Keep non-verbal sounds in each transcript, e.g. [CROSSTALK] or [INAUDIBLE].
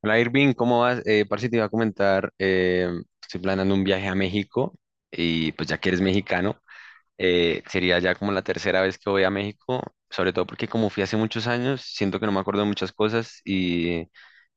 Hola Irving, ¿cómo vas? Parce, te iba a comentar, estoy planeando un viaje a México y pues ya que eres mexicano, sería ya como la tercera vez que voy a México, sobre todo porque como fui hace muchos años, siento que no me acuerdo de muchas cosas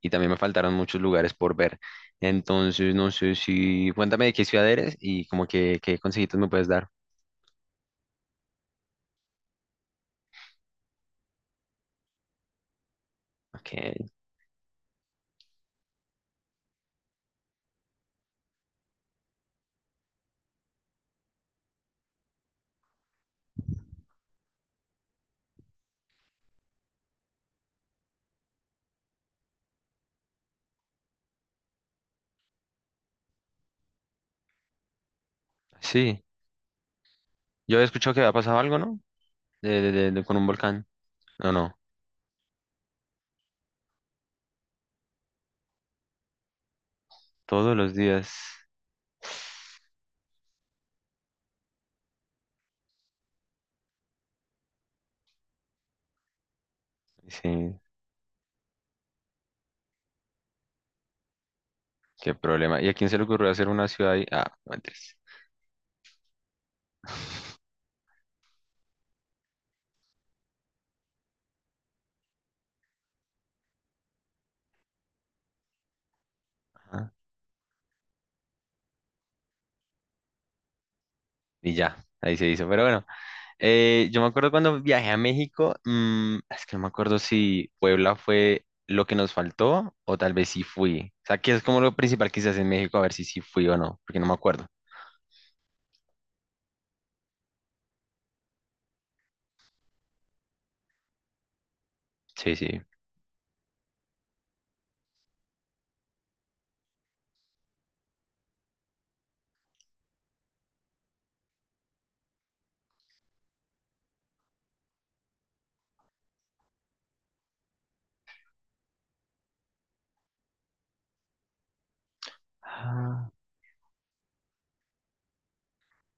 y también me faltaron muchos lugares por ver. Entonces, no sé si, cuéntame de qué ciudad eres y como que qué consejitos me puedes dar. Okay. Sí, yo he escuchado que había pasado algo, ¿no? Con un volcán. No, no, todos los días. Sí. Qué problema. ¿Y a quién se le ocurrió hacer una ciudad ahí? Ah, no mentiras. Ajá. Y ya, ahí se hizo. Pero bueno, yo me acuerdo cuando viajé a México, es que no me acuerdo si Puebla fue lo que nos faltó o tal vez sí fui. O sea, que es como lo principal que se hace en México, a ver si sí fui o no, porque no me acuerdo. Sí, sí. Ah.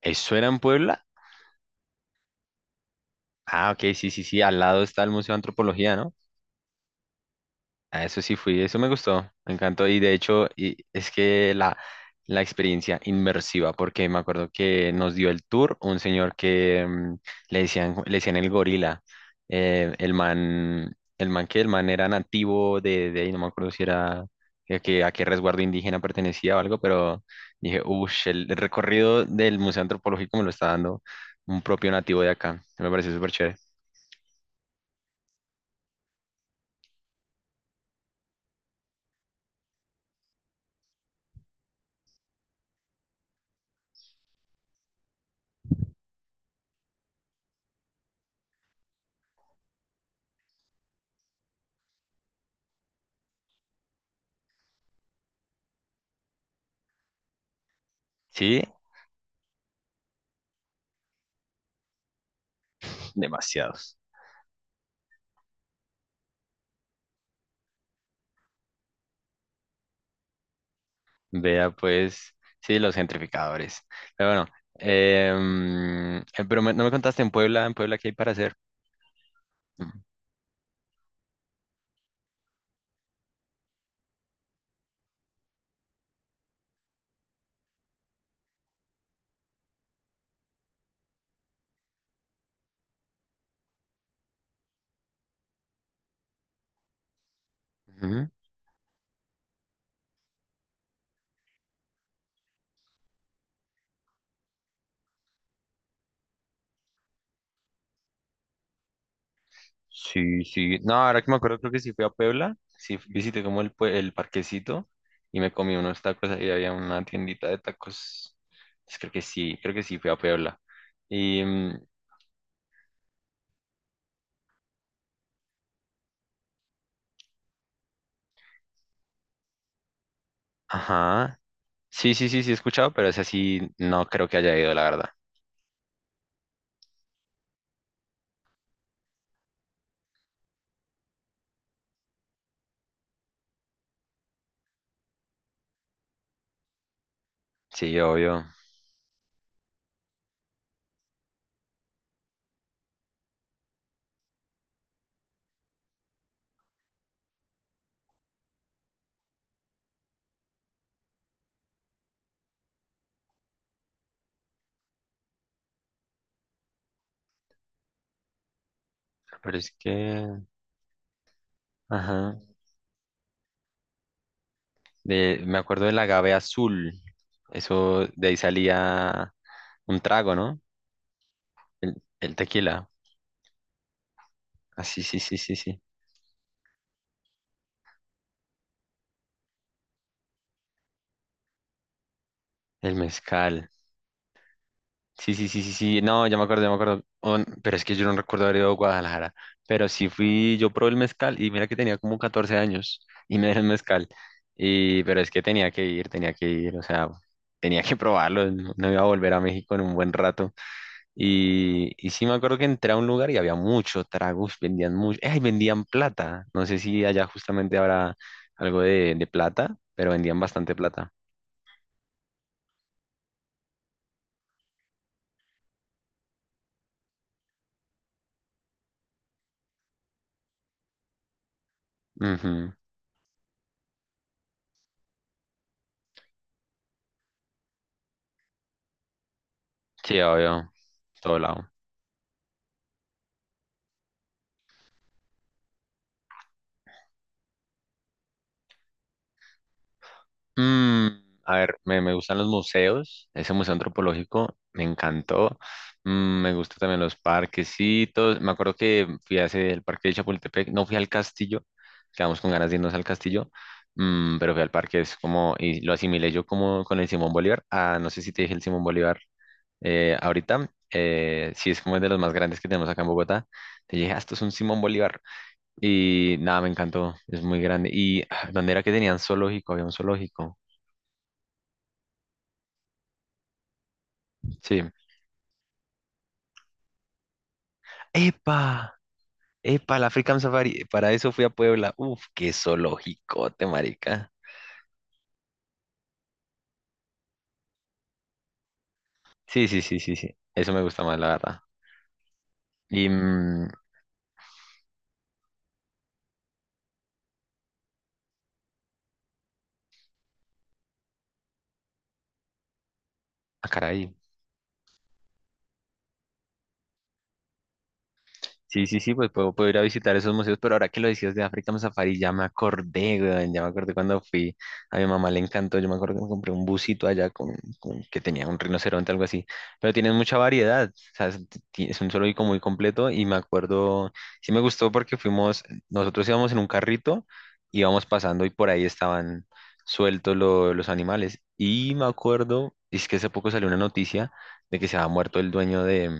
¿Eso era en Puebla? Ah, ok, sí, sí, sí. Al lado está el Museo de Antropología, ¿no? A eso sí fui, eso me gustó, me encantó. Y de hecho, y es que la experiencia inmersiva, porque me acuerdo que nos dio el tour un señor que le decían el gorila. El man era nativo de ahí, no me acuerdo si era a qué resguardo indígena pertenecía o algo, pero dije, uff, el recorrido del Museo Antropológico me lo está dando un propio nativo de acá. Me pareció súper chévere. Sí, demasiados. Vea, pues, sí, los gentrificadores. Pero bueno, pero no me contaste en Puebla, ¿qué hay para hacer? Mm. Ujú. Sí, sí. No, ahora que me acuerdo, creo que sí fui a Puebla, sí visité como el parquecito y me comí unos tacos, ahí había una tiendita de tacos. Pues creo que sí fui a Puebla. Y, mm, ajá, sí, sí, sí, sí he escuchado, pero ese sí no creo que haya ido, la verdad. Sí, obvio. Pero es que, ajá. De, me acuerdo del agave azul. Eso de ahí salía un trago, ¿no? El tequila. Ah, sí, sí, sí, sí, sí. El mezcal. Sí, sí, sí, sí, sí. No, ya me acuerdo, ya me acuerdo. Oh, pero es que yo no recuerdo haber ido a Guadalajara. Pero sí fui, yo probé el mezcal y mira que tenía como 14 años y me dieron mezcal. Y, pero es que tenía que ir, o sea, tenía que probarlo. No, no iba a volver a México en un buen rato. Y sí me acuerdo que entré a un lugar y había mucho tragos, vendían mucho, ¡ay! Vendían plata. No sé si allá justamente habrá algo de plata, pero vendían bastante plata. Ujú. Sí, obvio, todo lado. Mm, a ver, me gustan los museos, ese museo antropológico me encantó. Me gustan también los parquecitos, me acuerdo que fui hacia el parque de Chapultepec, no fui al castillo, quedamos con ganas de irnos al castillo, pero fui al parque, es como, y lo asimilé yo como con el Simón Bolívar, ah, no sé si te dije el Simón Bolívar ahorita, sí es como el de los más grandes que tenemos acá en Bogotá, te dije, ah, esto es un Simón Bolívar, y nada, me encantó, es muy grande, y ah, ¿dónde era que tenían zoológico? Había un zoológico. Sí. ¡Epa! ¡Epa! La African Safari. Para eso fui a Puebla. Uf, qué zoológico, te marica. Sí, sí, sí, sí, sí. Eso me gusta más, la verdad. Y, mm, ah, caray. Sí, sí, sí, pues puedo, puedo ir a visitar esos museos, pero ahora que lo decías de África Safari, ya me acordé, weón, ya me acordé cuando fui, a mi mamá le encantó, yo me acuerdo que me compré un busito allá que tenía un rinoceronte, algo así, pero tienen mucha variedad, o sea, es un zoológico muy completo y me acuerdo, sí me gustó porque fuimos, nosotros íbamos en un carrito, íbamos pasando y por ahí estaban sueltos los animales y me acuerdo, es que hace poco salió una noticia de que se había muerto el dueño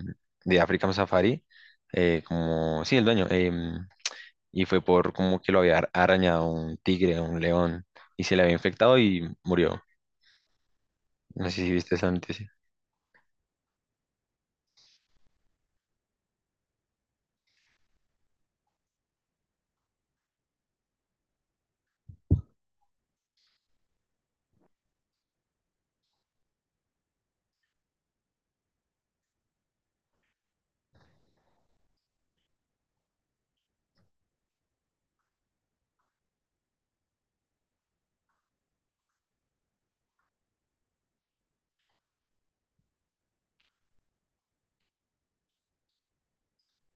de África Safari sí, el dueño, y fue por como que lo había arañado un tigre, un león, y se le había infectado y murió. No sé si viste esa noticia.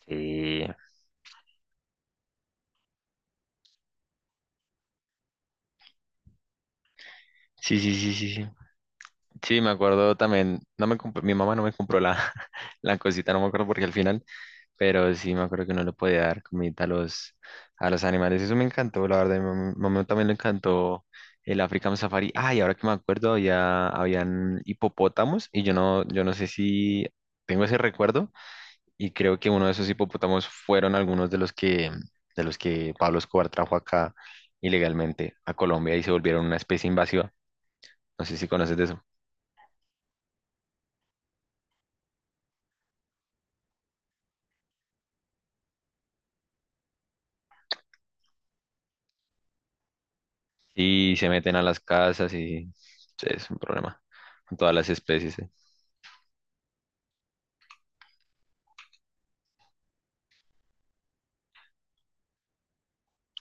Sí, sí, sí, sí, sí. Sí, sí, me acuerdo también, no me compró- mi mamá no me compró la, [LAUGHS] la cosita, no me acuerdo porque al final, pero sí me acuerdo que no le podía dar comida a a los animales. Eso me encantó, la verdad, mi mamá también le encantó el African Safari. Ah, y ahora que me acuerdo, habían hipopótamos y yo no, yo no sé si tengo ese recuerdo, y creo que uno de esos hipopótamos fueron algunos de los de los que Pablo Escobar trajo acá ilegalmente a Colombia y se volvieron una especie invasiva. No sé si conoces de eso. Y se meten a las casas y sí, es un problema con todas las especies. ¿Eh?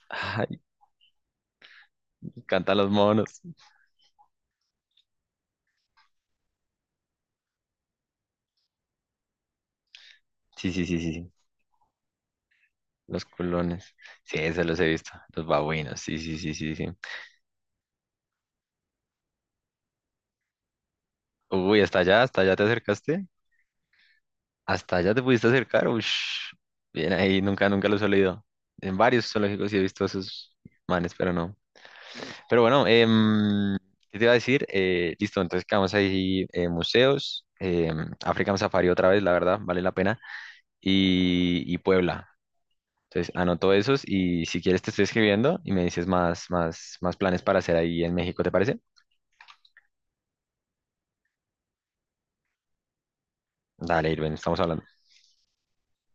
[LAUGHS] Ay, cantan los monos. Sí, sí, sí, sí, sí. Los culones. Sí, esos los he visto. Los babuinos. Sí, sí, sí, sí, sí. Uy, hasta allá te acercaste. Hasta allá te pudiste acercar, ush. Bien ahí, nunca, nunca los he leído. En varios zoológicos sí he visto a esos manes, pero no. Pero bueno, ¿qué te iba a decir? Listo, entonces quedamos ahí, museos, em, African Safari otra vez, la verdad, vale la pena, y Puebla. Entonces anoto esos y si quieres te estoy escribiendo y me dices más, más, más planes para hacer ahí en México, ¿te parece? Dale, Irving, estamos hablando.